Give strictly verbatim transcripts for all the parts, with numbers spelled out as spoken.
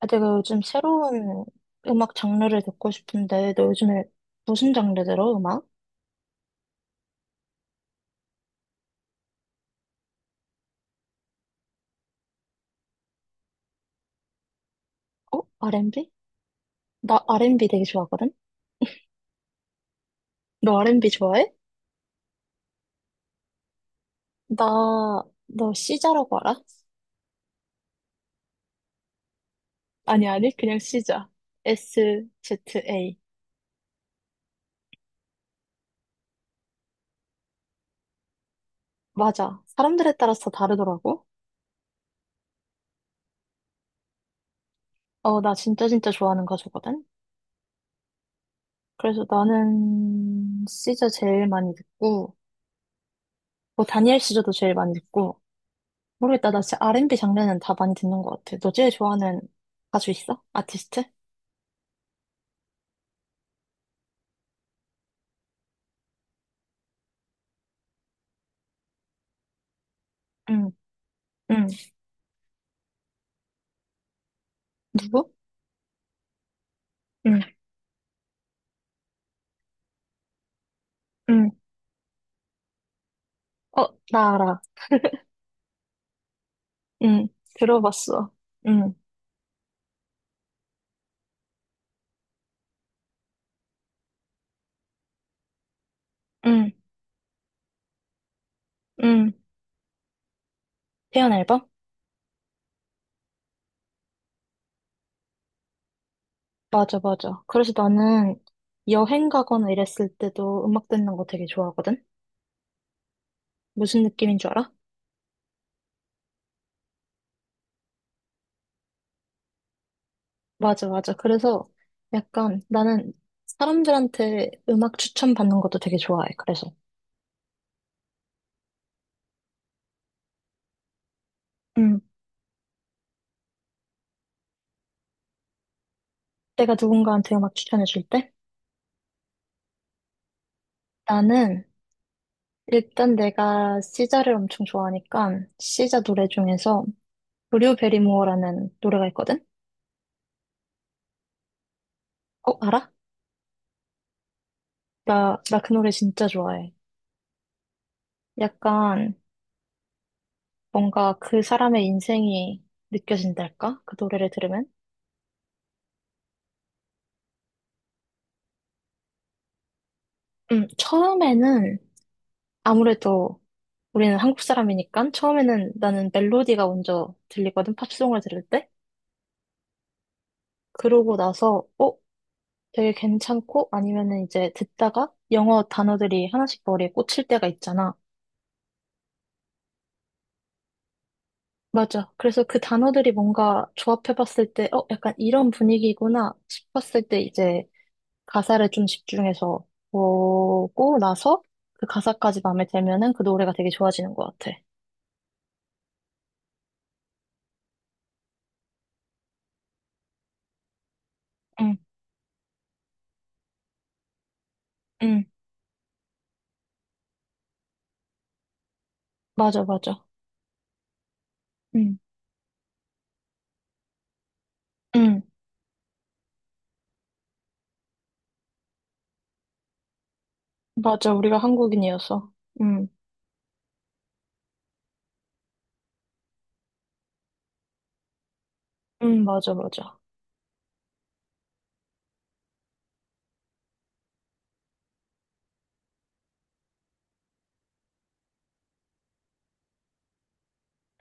아, 내가 요즘 새로운 음악 장르를 듣고 싶은데, 너 요즘에 무슨 장르 들어, 음악? 어? 알앤비? 나 알앤비 되게 좋아하거든? 너 알앤비 좋아해? 나, 너 시자라고 알아? 아니, 아니, 그냥 시자. 에스 지 에이. 맞아. 사람들에 따라서 다르더라고. 어, 나 진짜 진짜 좋아하는 가수거든? 그래서 나는 시자 제일 많이 듣고, 뭐, 다니엘 시저도 제일 많이 듣고, 모르겠다. 나 진짜 알앤비 장르는 다 많이 듣는 것 같아. 너 제일 좋아하는 가수 있어? 아티스트? 응, 응, 누구? 응, 응, 어, 나 알아. 응, 들어봤어. 응, 응, 응. 태연 앨범? 맞아, 맞아. 그래서 나는 여행 가거나 이랬을 때도 음악 듣는 거 되게 좋아하거든? 무슨 느낌인 줄 알아? 맞아, 맞아. 그래서 약간 나는 사람들한테 음악 추천받는 것도 되게 좋아해. 그래서 응. 내가 누군가한테 음악 추천해줄 때 나는 일단 내가 시자를 엄청 좋아하니까 시자 노래 중에서 브류 베리모어라는 노래가 있거든? 어, 알아? 나, 나 그 노래 진짜 좋아해. 약간 뭔가 그 사람의 인생이 느껴진달까? 그 노래를 들으면? 음, 처음에는 아무래도 우리는 한국 사람이니까 처음에는 나는 멜로디가 먼저 들리거든, 팝송을 들을 때. 그러고 나서, 어? 되게 괜찮고 아니면은 이제 듣다가 영어 단어들이 하나씩 머리에 꽂힐 때가 있잖아. 맞아. 그래서 그 단어들이 뭔가 조합해봤을 때, 어, 약간 이런 분위기구나 싶었을 때 이제 가사를 좀 집중해서 보고 나서 그 가사까지 마음에 들면은 그 노래가 되게 좋아지는 것 같아. 응, 응, 맞아, 맞아. 응, 응, 맞아. 우리가 한국인이어서. 응, 응, 맞아, 맞아.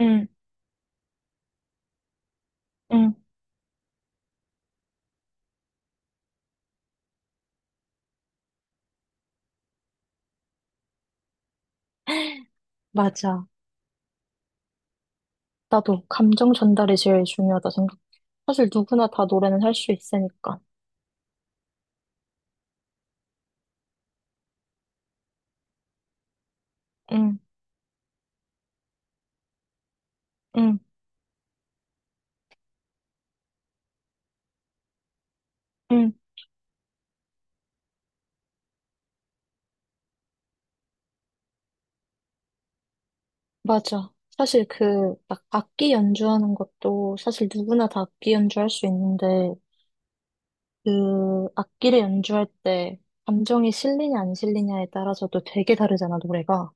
응, 응, 맞아. 나도 감정 전달이 제일 중요하다 생각. 사실 누구나 다 노래는 할 수 있으니까. 응, 응, 응. 맞아. 사실 그, 막 악기 연주하는 것도 사실 누구나 다 악기 연주할 수 있는데, 그, 악기를 연주할 때 감정이 실리냐 안 실리냐에 따라서도 되게 다르잖아, 노래가.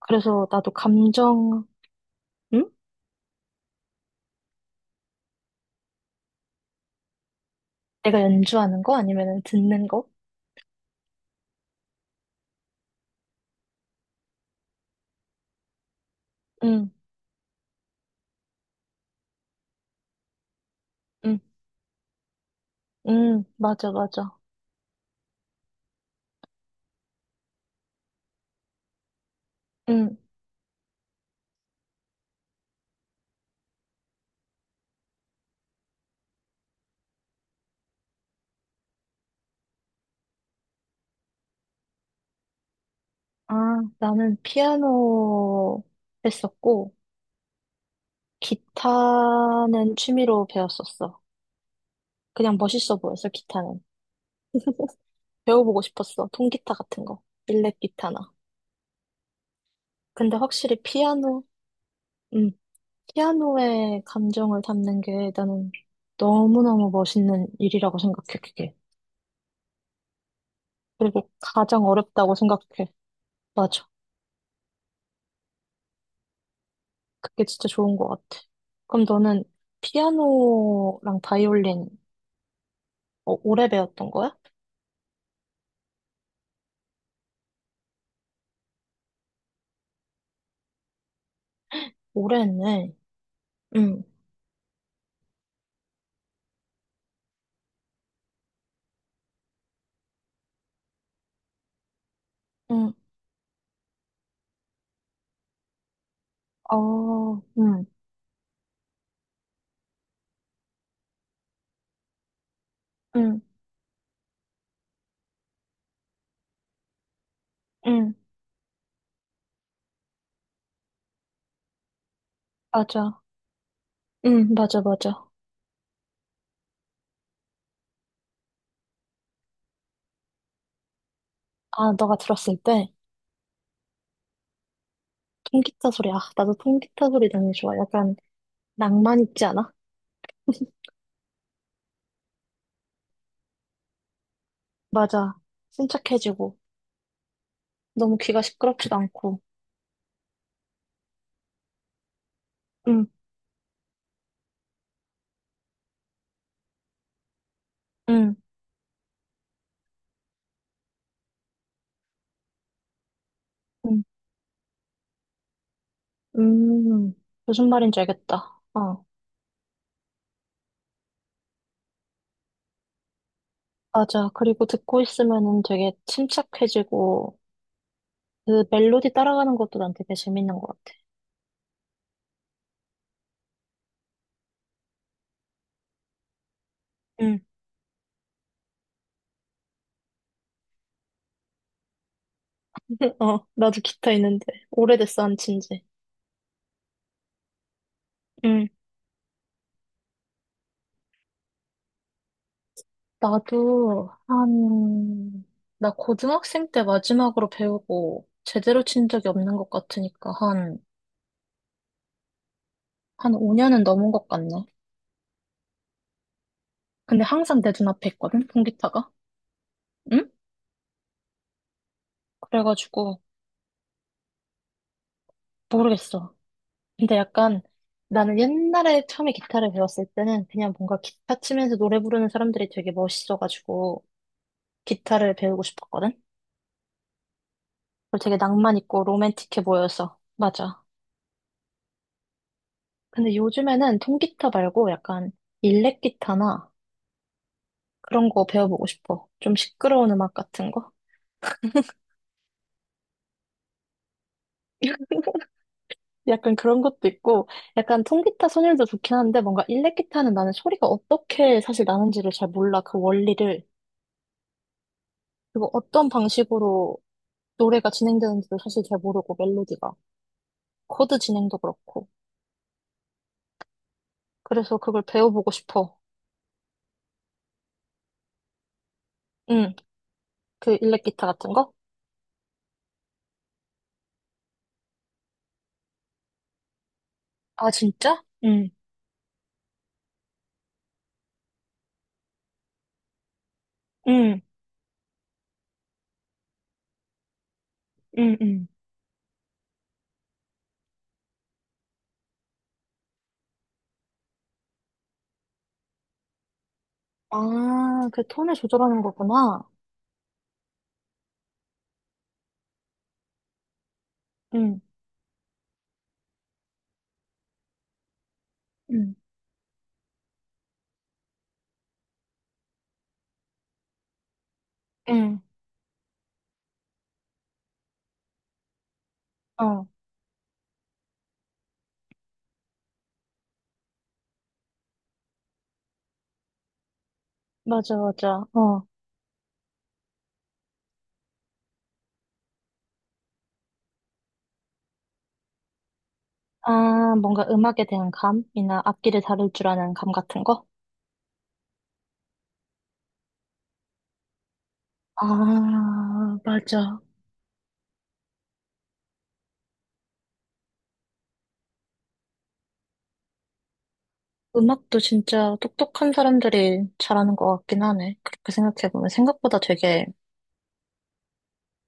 그래서 나도 감정, 응? 내가 연주하는 거? 아니면 듣는 거? 응, 응, 응, 맞아, 맞아. 응. 아, 나는 피아노 했었고, 기타는 취미로 배웠었어. 그냥 멋있어 보였어, 기타는. 배워보고 싶었어. 통기타 같은 거. 일렉 기타나. 근데 확실히 피아노, 음, 피아노의 감정을 담는 게 나는 너무너무 멋있는 일이라고 생각해, 그게. 그리고 가장 어렵다고 생각해. 맞아. 그게 진짜 좋은 것 같아. 그럼 너는 피아노랑 바이올린 어, 오래 배웠던 거야? 오래 했네. 응, 응, 어, 응, 응, 응, 맞아. 응, 맞아, 맞아. 아, 너가 들었을 때? 통기타 소리. 아, 나도 통기타 소리 너무 좋아. 약간 낭만 있지 않아? 맞아. 침착해지고 너무 귀가 시끄럽지도 않고. 응, 응, 응. 음, 무슨 말인지 알겠다. 어, 맞아. 그리고 듣고 있으면은 되게 침착해지고 그 멜로디 따라가는 것도 난 되게 재밌는 것 같아. 응, 어, 나도 기타 있는데 오래됐어 안 친지. 나도 한, 나 고등학생 때 마지막으로 배우고 제대로 친 적이 없는 것 같으니까 한, 한 오 년은 넘은 것 같네. 근데 항상 내 눈앞에 있거든, 통기타가. 응? 그래가지고 모르겠어. 근데 약간 나는 옛날에 처음에 기타를 배웠을 때는 그냥 뭔가 기타 치면서 노래 부르는 사람들이 되게 멋있어가지고 기타를 배우고 싶었거든. 그리고 되게 낭만 있고 로맨틱해 보여서. 맞아. 근데 요즘에는 통기타 말고 약간 일렉 기타나 그런 거 배워보고 싶어. 좀 시끄러운 음악 같은 거? 약간 그런 것도 있고, 약간 통기타 선율도 좋긴 한데, 뭔가 일렉기타는 나는 소리가 어떻게 사실 나는지를 잘 몰라. 그 원리를. 그리고 어떤 방식으로 노래가 진행되는지도 사실 잘 모르고, 멜로디가. 코드 진행도 그렇고. 그래서 그걸 배워보고 싶어. 응, 그 일렉기타 같은 거? 아, 진짜? 응, 응, 응, 응. 아, 그 톤을 조절하는 거구나. 응, 응, 응. 어, 맞아, 맞아. 어. 아, 뭔가 음악에 대한 감이나 악기를 다룰 줄 아는 감 같은 거? 아, 맞아. 음악도 진짜 똑똑한 사람들이 잘하는 것 같긴 하네. 그렇게 생각해보면 생각보다 되게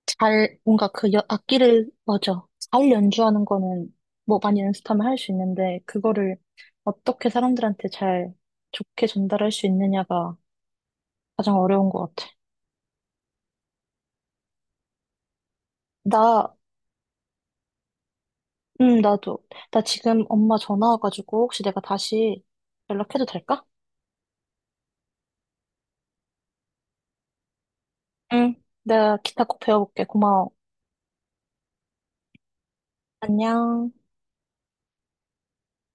잘, 뭔가 그 여- 악기를, 맞아. 잘 연주하는 거는 뭐 많이 연습하면 할 수 있는데, 그거를 어떻게 사람들한테 잘 좋게 전달할 수 있느냐가 가장 어려운 것 같아. 나, 음, 나도. 나 지금 엄마 전화 와가지고 혹시 내가 다시 연락해도 될까? 응, 내가 기타 꼭 배워볼게. 고마워. 안녕.